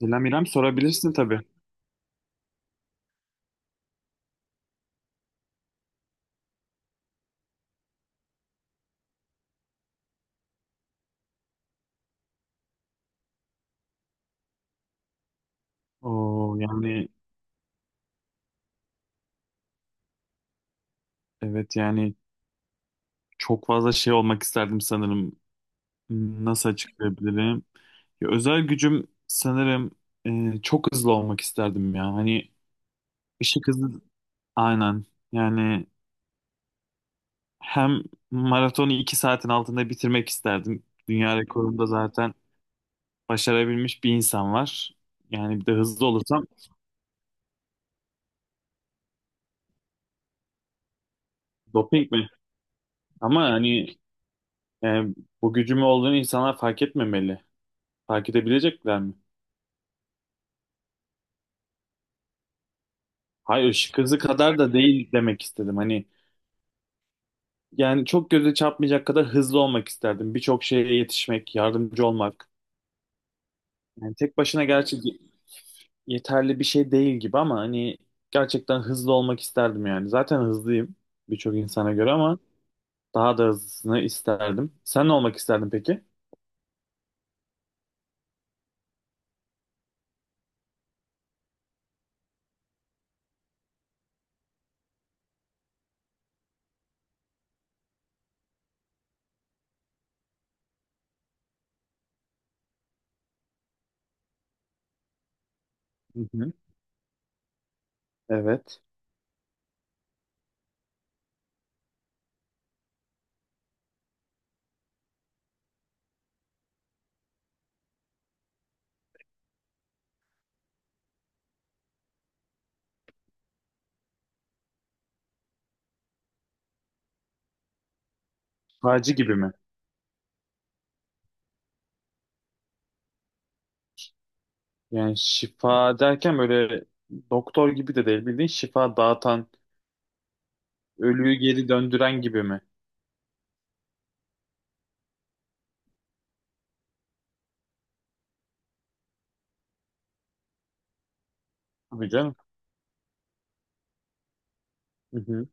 İrem sorabilirsin tabii. Oo, yani evet, yani çok fazla şey olmak isterdim sanırım. Nasıl açıklayabilirim? Ya, özel gücüm sanırım çok hızlı olmak isterdim ya. Hani ışık hızı, aynen. Yani hem maratonu 2 saatin altında bitirmek isterdim. Dünya rekorunda zaten başarabilmiş bir insan var. Yani bir de hızlı olursam doping mi? Ama hani e, bu gücümü olduğunu insanlar fark etmemeli. Fark edebilecekler mi? Hayır, ışık hızı kadar da değil demek istedim. Hani yani çok göze çarpmayacak kadar hızlı olmak isterdim. Birçok şeye yetişmek, yardımcı olmak. Yani tek başına gerçi yeterli bir şey değil gibi, ama hani gerçekten hızlı olmak isterdim yani. Zaten hızlıyım birçok insana göre, ama daha da hızlısını isterdim. Sen ne olmak isterdin peki? Hı hı. Evet. Şifacı gibi mi? Yani şifa derken böyle doktor gibi de değil, bildiğin şifa dağıtan, ölüyü geri döndüren gibi mi? Tabii canım. Hı hı.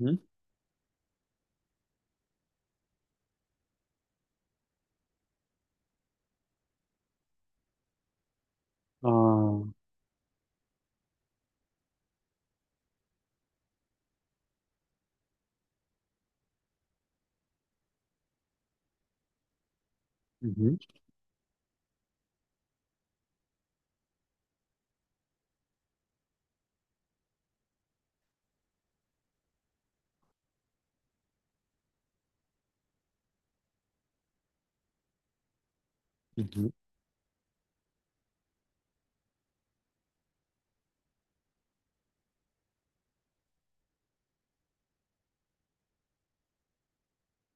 Hı? Aa, hı hı, hı hı.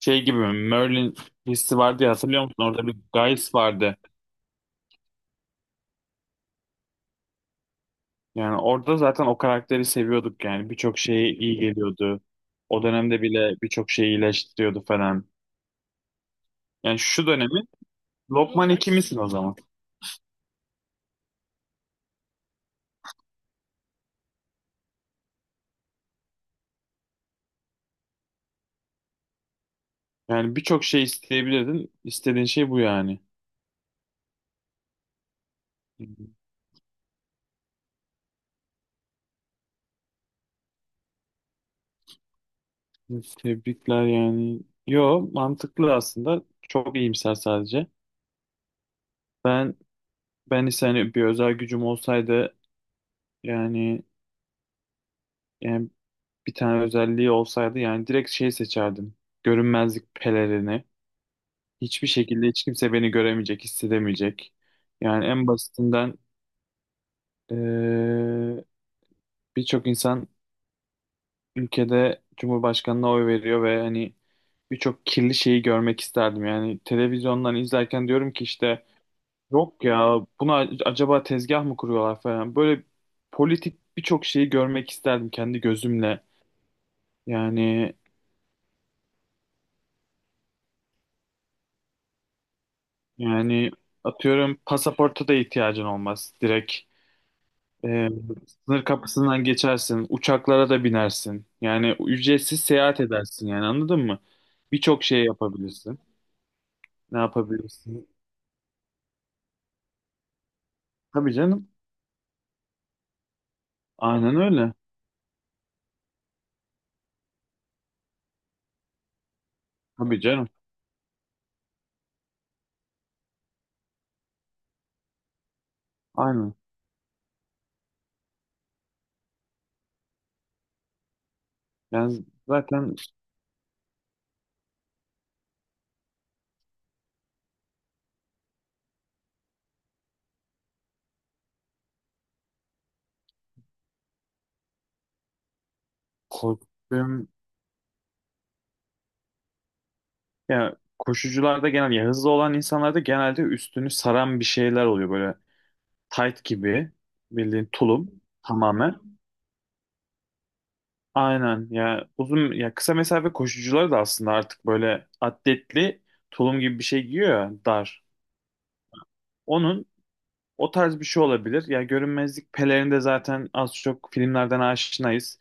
Şey gibi mi? Merlin dizisi vardı ya, hatırlıyor musun? Orada bir Guys vardı. Yani orada zaten o karakteri seviyorduk yani. Birçok şeye iyi geliyordu. O dönemde bile birçok şeyi iyileştiriyordu falan. Yani şu dönemi Lokman ikimisin o zaman. Yani birçok şey isteyebilirdin. İstediğin şey bu yani. Tebrikler yani. Yo, mantıklı aslında. Çok iyimser sadece. Ben ben ise hani bir özel gücüm olsaydı, yani yani bir tane özelliği olsaydı yani, direkt şey seçerdim. Görünmezlik pelerini. Hiçbir şekilde hiç kimse beni göremeyecek, hissedemeyecek. Yani en basitinden eee, birçok insan ülkede Cumhurbaşkanına oy veriyor ve hani birçok kirli şeyi görmek isterdim. Yani televizyondan izlerken diyorum ki, işte yok ya, buna acaba tezgah mı kuruyorlar falan. Böyle politik birçok şeyi görmek isterdim kendi gözümle. Yani Yani atıyorum, pasaporta da ihtiyacın olmaz. Direkt e, sınır kapısından geçersin, uçaklara da binersin. Yani ücretsiz seyahat edersin yani, anladın mı? Birçok şey yapabilirsin. Ne yapabilirsin? Tabii canım. Aynen öyle. Tabii canım. Aynen. Yani zaten korktuğum, ya koşucularda genel, ya hızlı olan insanlarda genelde üstünü saran bir şeyler oluyor böyle, tight gibi, bildiğin tulum tamamen. Aynen ya, uzun ya kısa mesafe koşucuları da aslında artık böyle atletli tulum gibi bir şey giyiyor ya, dar. Onun o tarz bir şey olabilir. Ya, görünmezlik pelerini de zaten az çok filmlerden aşinayız.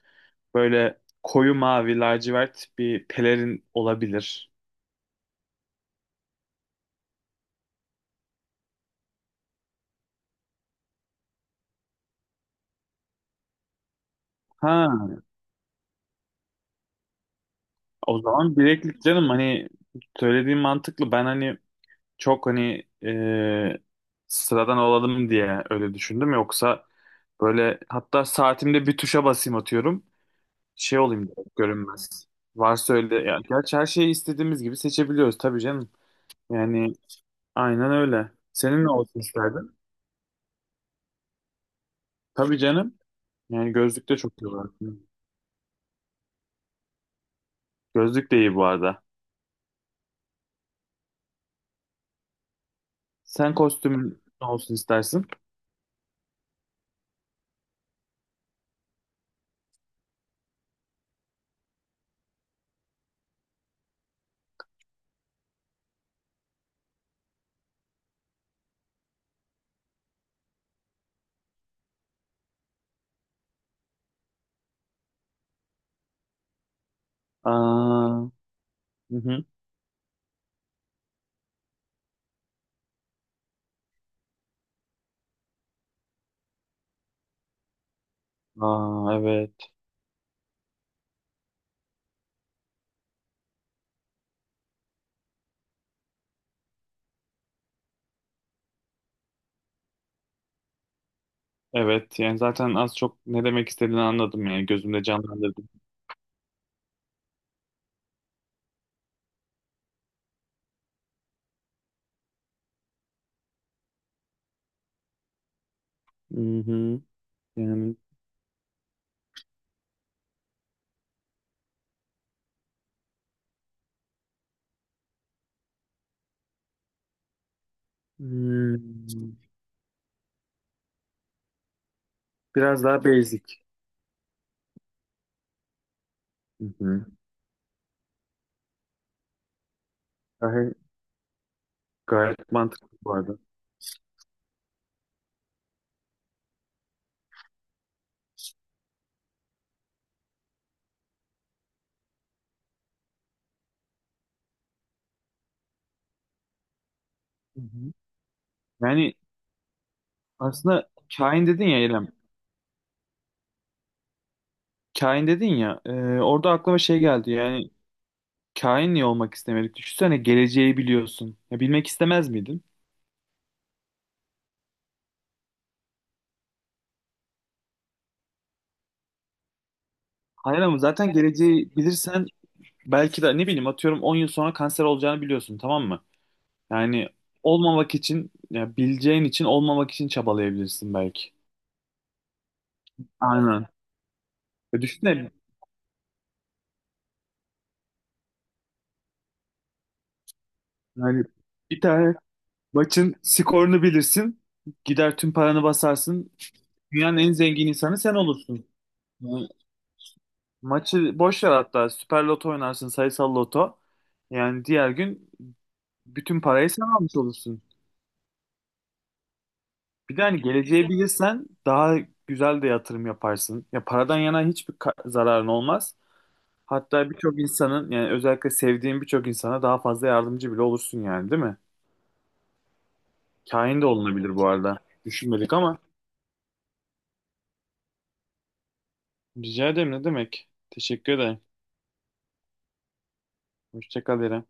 Böyle koyu mavi lacivert bir pelerin olabilir. Ha, o zaman bileklik canım, hani söylediğim mantıklı. Ben hani çok hani sıradan olalım diye öyle düşündüm. Yoksa böyle, hatta saatimde bir tuşa basayım atıyorum. Şey olayım dedim, görünmez. Varsa öyle. Ya, gerçi her şeyi istediğimiz gibi seçebiliyoruz tabii canım. Yani aynen öyle. Senin ne olsun isterdin? Tabii canım. Yani gözlük de çok iyi var. Gözlük de iyi bu arada. Sen kostümün ne olsun istersin? Aa, hı hı. Aa, evet. Evet, yani zaten az çok ne demek istediğini anladım, yani gözümde canlandırdım. Hı hı. Yani hmm, biraz daha basic. Hı hı. Gayet, gayet mantıklı bu arada. Hı hı. Yani aslında kain dedin ya, İrem. Kain dedin ya. Orada aklıma şey geldi. Yani kain niye olmak istemedik? Düşünsene, geleceği biliyorsun. Ya, bilmek istemez miydin? Hayır, ama zaten geleceği bilirsen, belki de ne bileyim, atıyorum 10 yıl sonra kanser olacağını biliyorsun, tamam mı? Yani olmamak için, ya bileceğin için olmamak için çabalayabilirsin belki. Aynen. Ya düşünsene, yani bir tane maçın skorunu bilirsin. Gider tüm paranı basarsın. Dünyanın en zengin insanı sen olursun. Yani maçı boş ver hatta. Süper Loto oynarsın, sayısal loto. Yani diğer gün bütün parayı sen almış olursun. Bir de hani geleceği bilirsen daha güzel de yatırım yaparsın. Ya paradan yana hiçbir zararın olmaz. Hatta birçok insanın, yani özellikle sevdiğin birçok insana daha fazla yardımcı bile olursun yani, değil mi? Kahin de olunabilir bu arada. Düşünmedik ama. Rica ederim, ne demek. Teşekkür ederim. Hoşça kal İrem.